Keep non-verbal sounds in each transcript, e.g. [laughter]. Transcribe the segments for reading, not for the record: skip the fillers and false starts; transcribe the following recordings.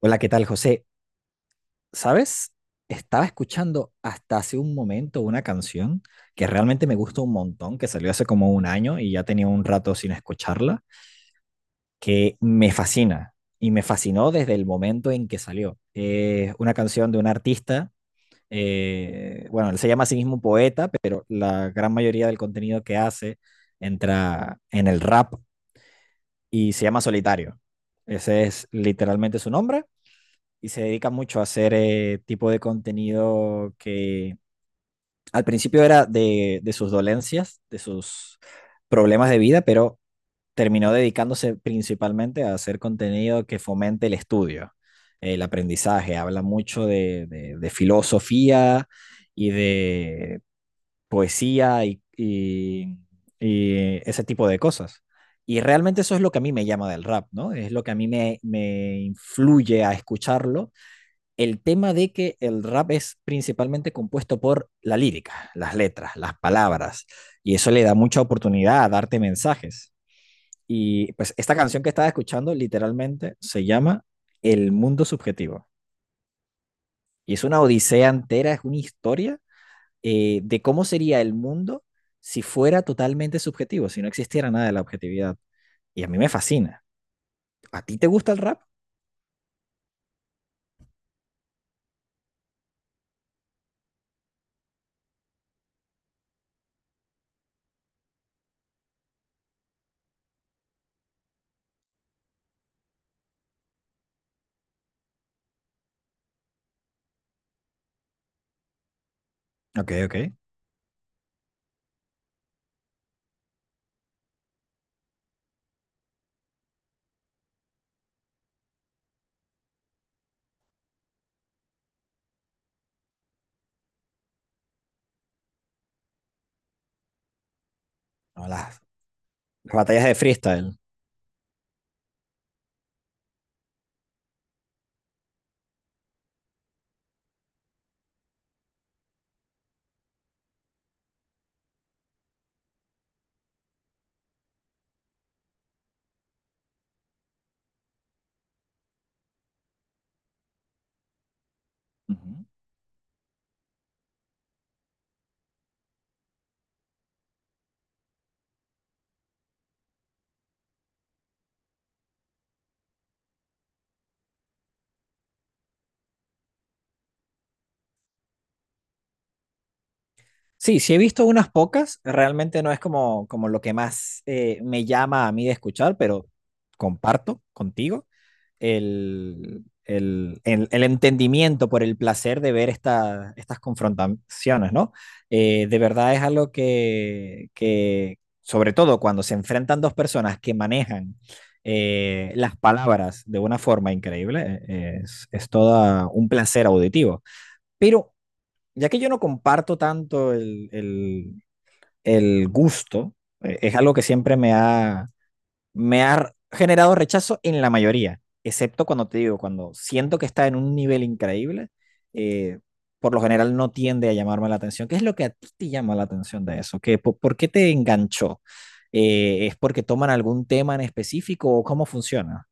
Hola, ¿qué tal, José? ¿Sabes? Estaba escuchando hasta hace un momento una canción que realmente me gusta un montón, que salió hace como un año y ya tenía un rato sin escucharla, que me fascina y me fascinó desde el momento en que salió. Es una canción de un artista, bueno, él se llama a sí mismo un poeta, pero la gran mayoría del contenido que hace entra en el rap y se llama Solitario. Ese es literalmente su nombre. Y se dedica mucho a hacer tipo de contenido que al principio era de sus dolencias, de sus problemas de vida, pero terminó dedicándose principalmente a hacer contenido que fomente el estudio, el aprendizaje. Habla mucho de filosofía y de poesía y ese tipo de cosas. Y realmente eso es lo que a mí me llama del rap, ¿no? Es lo que a mí me influye a escucharlo, el tema de que el rap es principalmente compuesto por la lírica, las letras, las palabras, y eso le da mucha oportunidad a darte mensajes. Y pues esta canción que estaba escuchando literalmente se llama El mundo subjetivo. Y es una odisea entera, es una historia de cómo sería el mundo si fuera totalmente subjetivo, si no existiera nada de la objetividad. Y a mí me fascina. ¿A ti te gusta el rap? Ok, ok. O las batallas de freestyle. Uh -huh. Sí, sí he visto unas pocas, realmente no es como, como lo que más me llama a mí de escuchar, pero comparto contigo el entendimiento por el placer de ver estas confrontaciones, ¿no? De verdad es algo sobre todo cuando se enfrentan dos personas que manejan las palabras de una forma increíble, es todo un placer auditivo. Pero ya que yo no comparto tanto el gusto, es algo que me ha generado rechazo en la mayoría, excepto cuando te digo, cuando siento que está en un nivel increíble, eh, por lo general no tiende a llamarme la atención. ¿Qué es lo que a ti te llama la atención de eso? ¿Qué, por qué te enganchó? ¿Es porque toman algún tema en específico o cómo funciona?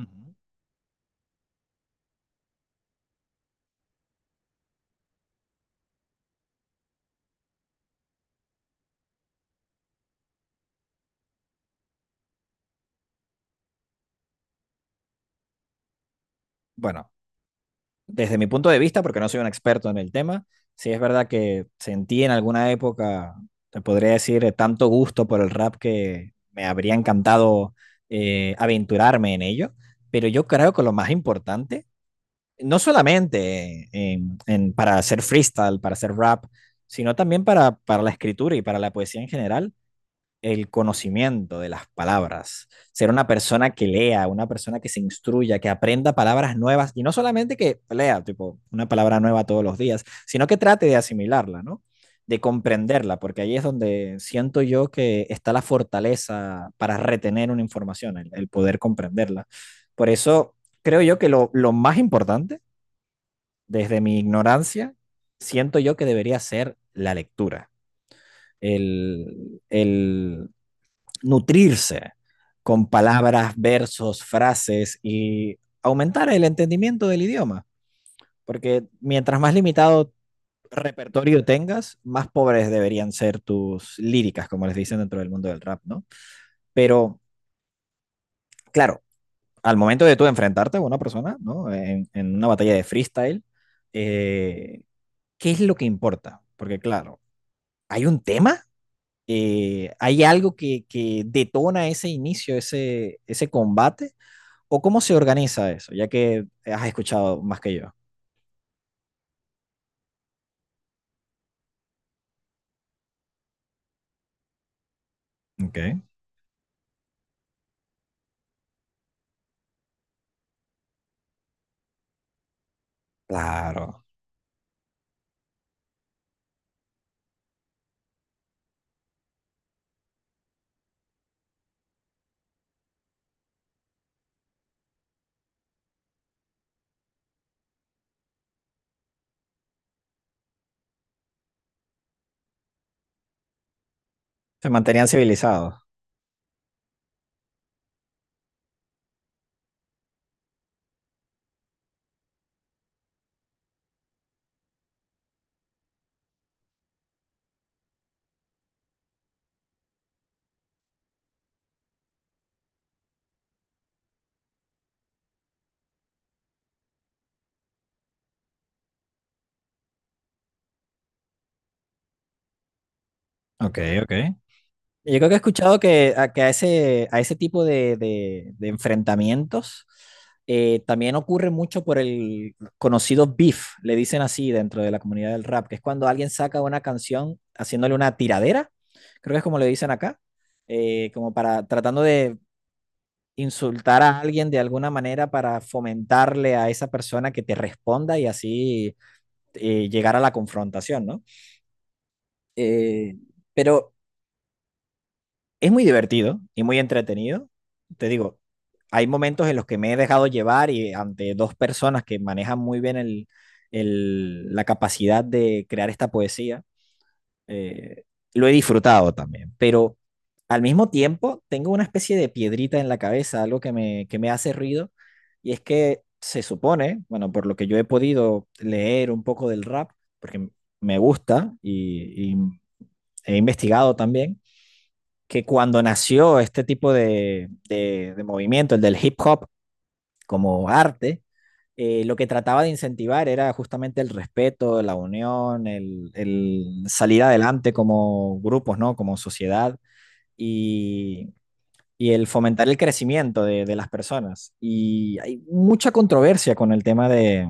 Ujú. Bueno, desde mi punto de vista, porque no soy un experto en el tema, sí es verdad que sentí en alguna época, te podría decir, tanto gusto por el rap que me habría encantado aventurarme en ello, pero yo creo que lo más importante, no solamente para hacer freestyle, para hacer rap, sino también para la escritura y para la poesía en general, el conocimiento de las palabras, ser una persona que lea, una persona que se instruya, que aprenda palabras nuevas y no solamente que lea tipo una palabra nueva todos los días, sino que trate de asimilarla, ¿no? De comprenderla, porque ahí es donde siento yo que está la fortaleza para retener una información, el poder comprenderla. Por eso creo yo que lo más importante, desde mi ignorancia, siento yo que debería ser la lectura. El, el, Nutrirse con palabras, versos, frases y aumentar el entendimiento del idioma, porque mientras más limitado repertorio tengas, más pobres deberían ser tus líricas, como les dicen dentro del mundo del rap, ¿no? Pero, claro, al momento de tú enfrentarte a una persona, ¿no? En una batalla de freestyle, eh, ¿qué es lo que importa? Porque, claro, hay un tema, hay algo detona ese inicio, ese combate, o cómo se organiza eso, ya que has escuchado más que yo. Ok. Claro. Se mantenían civilizados. Ok, ok. Yo creo que he escuchado que que a ese tipo de enfrentamientos también ocurre mucho por el conocido beef, le dicen así dentro de la comunidad del rap, que es cuando alguien saca una canción haciéndole una tiradera, creo que es como le dicen acá, como para tratando de insultar a alguien de alguna manera para fomentarle a esa persona que te responda y así llegar a la confrontación, ¿no? Eh, pero es muy divertido y muy entretenido. Te digo, hay momentos en los que me he dejado llevar y ante dos personas que manejan muy bien la capacidad de crear esta poesía, eh, lo he disfrutado también, pero al mismo tiempo tengo una especie de piedrita en la cabeza, algo que me hace ruido, y es que se supone, bueno, por lo que yo he podido leer un poco del rap, porque me gusta y he investigado también, que cuando nació este tipo de movimiento, el del hip hop como arte, lo que trataba de incentivar era justamente el respeto, la unión, el salir adelante como grupos, ¿no? Como sociedad y, y el fomentar el crecimiento de las personas. Y hay mucha controversia con el tema de,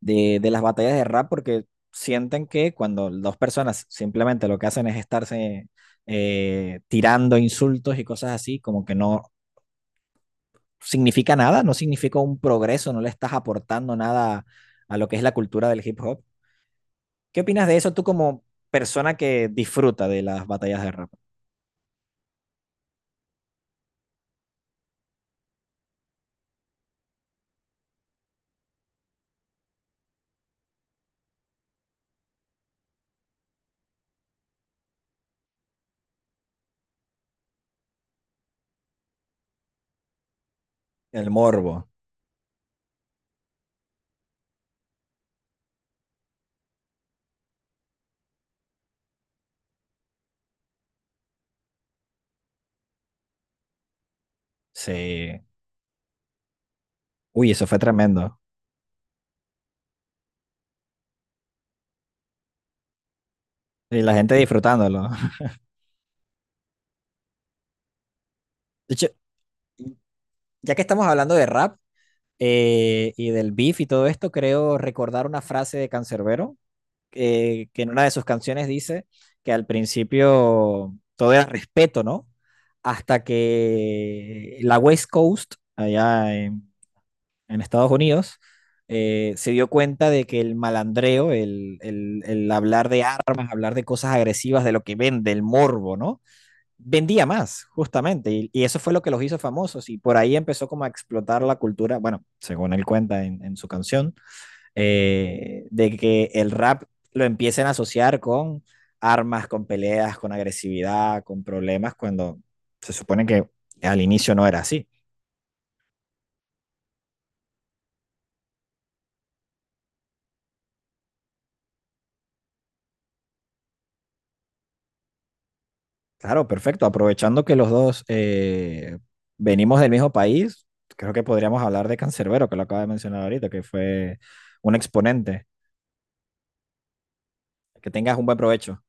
de, de las batallas de rap porque sienten que cuando dos personas simplemente lo que hacen es estarse tirando insultos y cosas así, como que no, significa nada, no significa un progreso, no le estás aportando nada a lo que es la cultura del hip hop. ¿Qué opinas de eso tú como persona que disfruta de las batallas de rap? El morbo. Sí. Uy, eso fue tremendo. Y la gente disfrutándolo. [laughs] De hecho, ya que estamos hablando de rap, y del beef y todo esto, creo recordar una frase de Cancerbero, que en una de sus canciones dice que al principio todo era respeto, ¿no? Hasta que la West Coast, en Estados Unidos, se dio cuenta de que el malandreo, el hablar de armas, hablar de cosas agresivas, de lo que vende, el morbo, ¿no? Vendía más, justamente, y eso fue lo que los hizo famosos, y por ahí empezó como a explotar la cultura, bueno, según él cuenta en su canción, de que el rap lo empiecen a asociar con armas, con peleas, con agresividad, con problemas, cuando se supone que al inicio no era así. Claro, perfecto. Aprovechando que los dos, venimos del mismo país, creo que podríamos hablar de Cancerbero, que lo acaba de mencionar ahorita, que fue un exponente. Que tengas un buen provecho.